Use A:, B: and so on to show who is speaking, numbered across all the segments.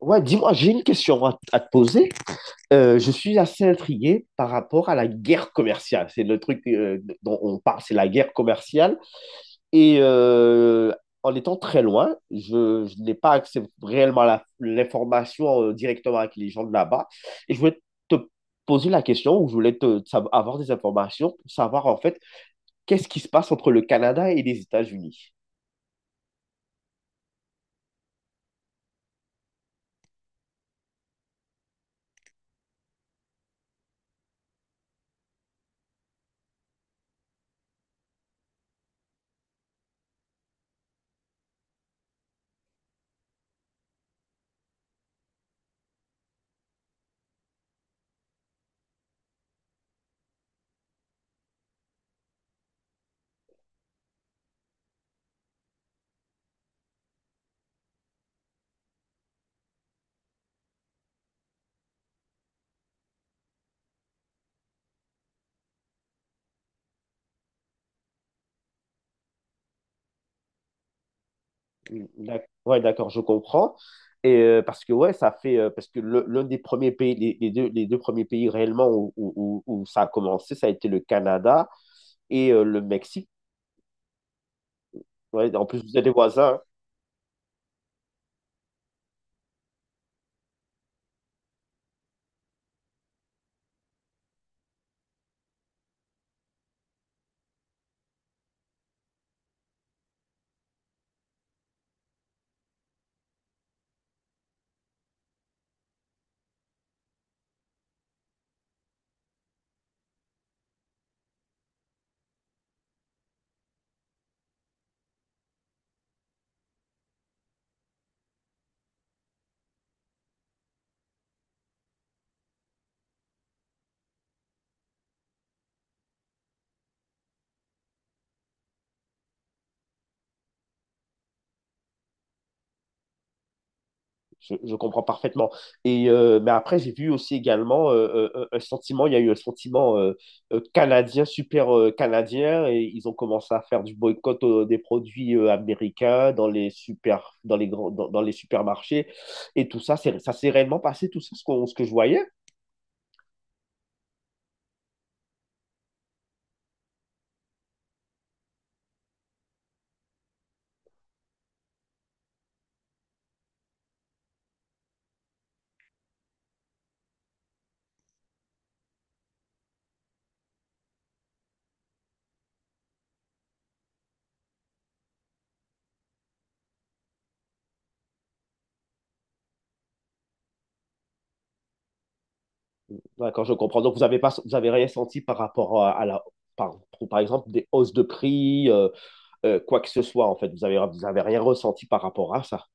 A: Ouais, dis-moi, j'ai une question à te poser. Je suis assez intrigué par rapport à la guerre commerciale. C'est le truc dont on parle, c'est la guerre commerciale. Et euh, En étant très loin, je n'ai pas accès réellement à l'information directement avec les gens de là-bas. Et je voulais te poser la question, ou je voulais avoir des informations pour savoir en fait qu'est-ce qui se passe entre le Canada et les États-Unis. Ouais, d'accord, je comprends. Et parce que ouais, ça fait parce que l'un des premiers pays, les deux premiers pays réellement où ça a commencé, ça a été le Canada et le Mexique. Ouais, en plus, vous êtes des voisins, hein. Je comprends parfaitement. Et mais après, j'ai vu aussi également un sentiment, il y a eu un sentiment canadien, super canadien, et ils ont commencé à faire du boycott des produits américains dans les super, dans les grands, dans, dans les supermarchés. Et tout ça, ça s'est réellement passé, tout ça, ce ce que je voyais. D'accord, je comprends. Donc, vous avez rien senti par rapport à la, par, pour- par exemple, des hausses de prix, quoi que ce soit, en fait. Vous avez rien ressenti par rapport à ça.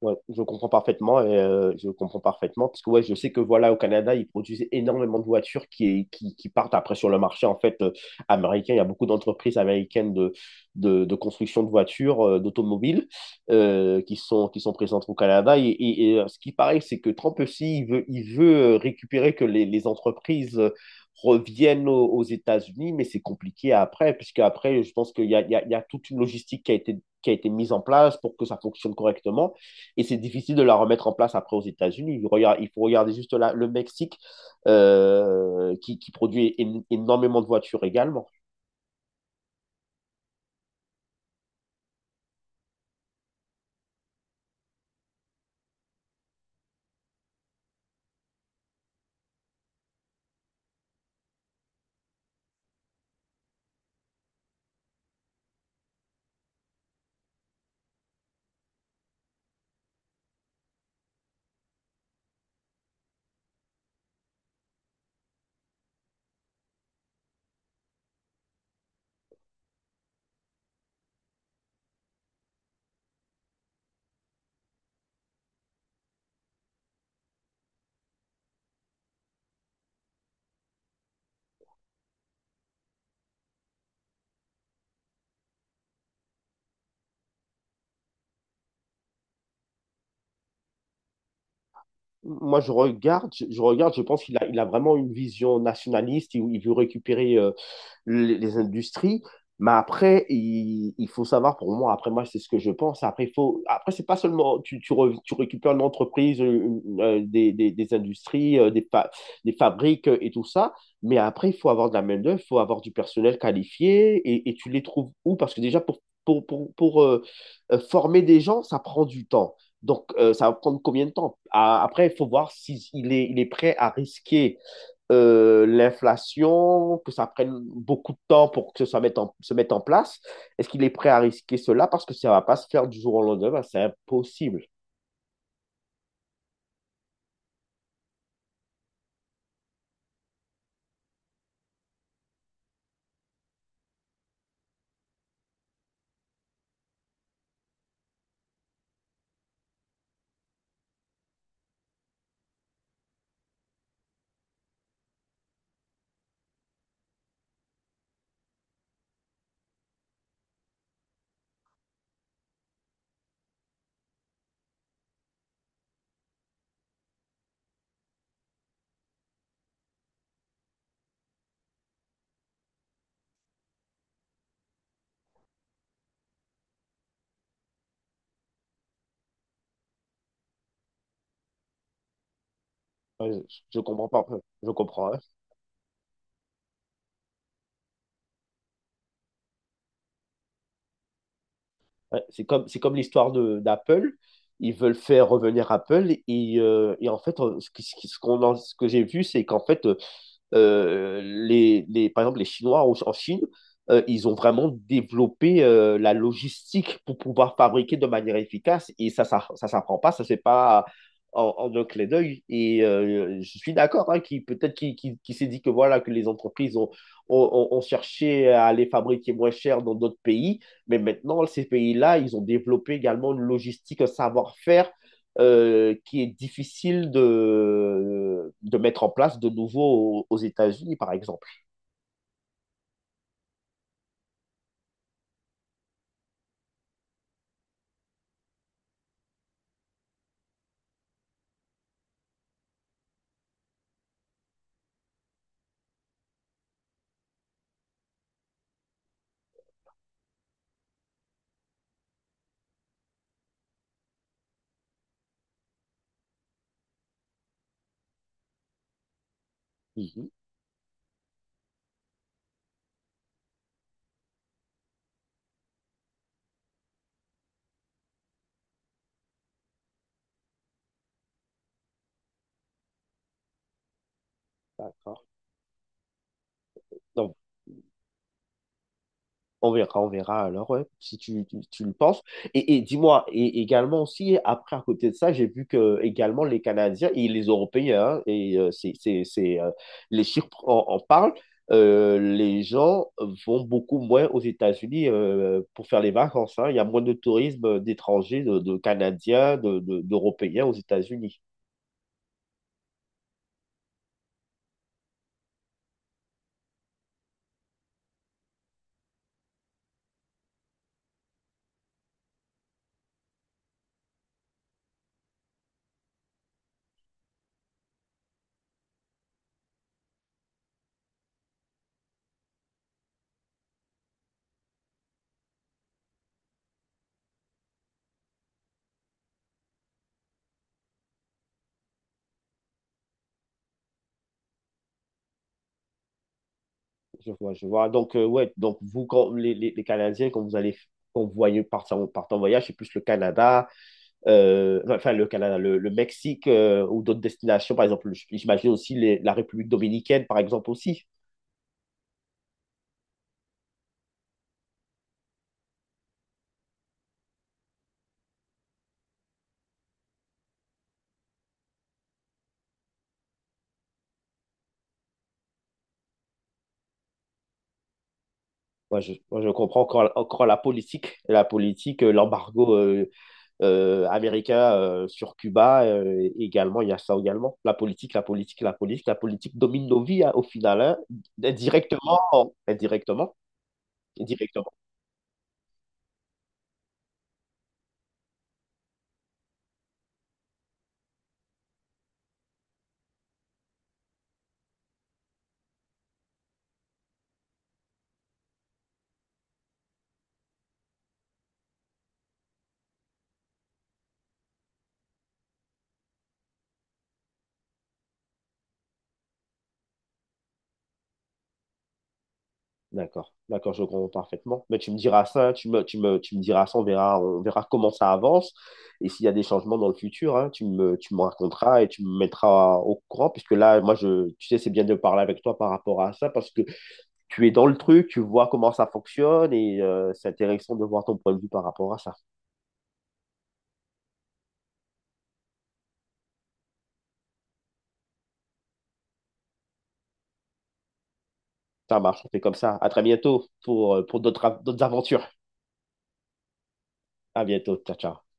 A: Ouais, je comprends parfaitement et je comprends parfaitement parce que ouais, je sais que voilà au Canada, ils produisent énormément de voitures qui partent après sur le marché en fait américain. Il y a beaucoup d'entreprises américaines de construction de voitures, d'automobiles qui sont présentes au Canada. Et, ce qui paraît, c'est que Trump aussi, il veut récupérer que les entreprises reviennent aux États-Unis, mais c'est compliqué après, puisque après, je pense qu'il y a, il y a, il y a toute une logistique qui a été mise en place pour que ça fonctionne correctement. Et c'est difficile de la remettre en place après aux États-Unis. Faut regarder juste là le Mexique produit énormément de voitures également. Moi, je regarde, je pense qu'il a, il a vraiment une vision nationaliste. Il veut récupérer les industries. Mais après, faut savoir, pour moi, après moi, c'est ce que je pense. Après, il faut, après c'est pas seulement tu récupères une entreprise, une, des industries, des fabriques et tout ça, mais après, il faut avoir de la main-d'œuvre, il faut avoir du personnel qualifié et tu les trouves où? Parce que déjà, pour former des gens, ça prend du temps. Donc, ça va prendre combien de temps? Ah, après, il faut voir il est prêt à risquer l'inflation, que ça prenne beaucoup de temps pour que ça se mette en place? Est-ce qu'il est prêt à risquer cela? Parce que ça va pas se faire du jour au lendemain. Ben, c'est impossible. Ouais, je comprends pas. Je comprends, hein. Ouais, c'est comme l'histoire de d'Apple. Ils veulent faire revenir Apple et en fait, ce qui- ce qui- ce qu'on en- ce que j'ai vu, c'est qu'en fait, les, par exemple, les Chinois en Chine, ils ont vraiment développé la logistique pour pouvoir fabriquer de manière efficace et ça s'apprend pas, ça c'est pas en un clé d'œil. Et je suis d'accord, hein, qui peut-être qui s'est dit que voilà que les entreprises ont cherché à les fabriquer moins cher dans d'autres pays, mais maintenant ces pays-là, ils ont développé également une logistique, un savoir-faire qui est difficile de mettre en place de nouveau aux États-Unis, par exemple. Mhm. D'accord. Donc, on verra alors, ouais, si tu le penses. Et dis-moi, et également aussi, après, à côté de ça, j'ai vu que également les Canadiens et les Européens, hein, et les chiffres en parlent, les gens vont beaucoup moins aux États-Unis pour faire les vacances, hein. Il y a moins de tourisme d'étrangers, de Canadiens, d'Européens aux États-Unis. Je vois, je vois. Donc, ouais, donc vous, quand, les Canadiens, quand vous allez, quand vous voyez partir, en partir en voyage, c'est plus le Canada, enfin le Canada, le Mexique ou d'autres destinations, par exemple, j'imagine aussi la République dominicaine, par exemple, aussi. Moi, je comprends encore, encore la politique, l'embargo, américain sur Cuba également, il y a ça également. La politique domine nos vies, hein, au final, hein, indirectement, indirectement, indirectement. D'accord, d'accord, je comprends parfaitement. Mais tu me diras ça, tu me diras ça, on verra comment ça avance et s'il y a des changements dans le futur, hein, tu me raconteras et tu me mettras au courant puisque là, moi, je, tu sais, c'est bien de parler avec toi par rapport à ça parce que tu es dans le truc, tu vois comment ça fonctionne et c'est intéressant de voir ton point de vue par rapport à ça. Ça marche, on fait comme ça. À très bientôt pour d'autres aventures. À bientôt. Ciao, ciao.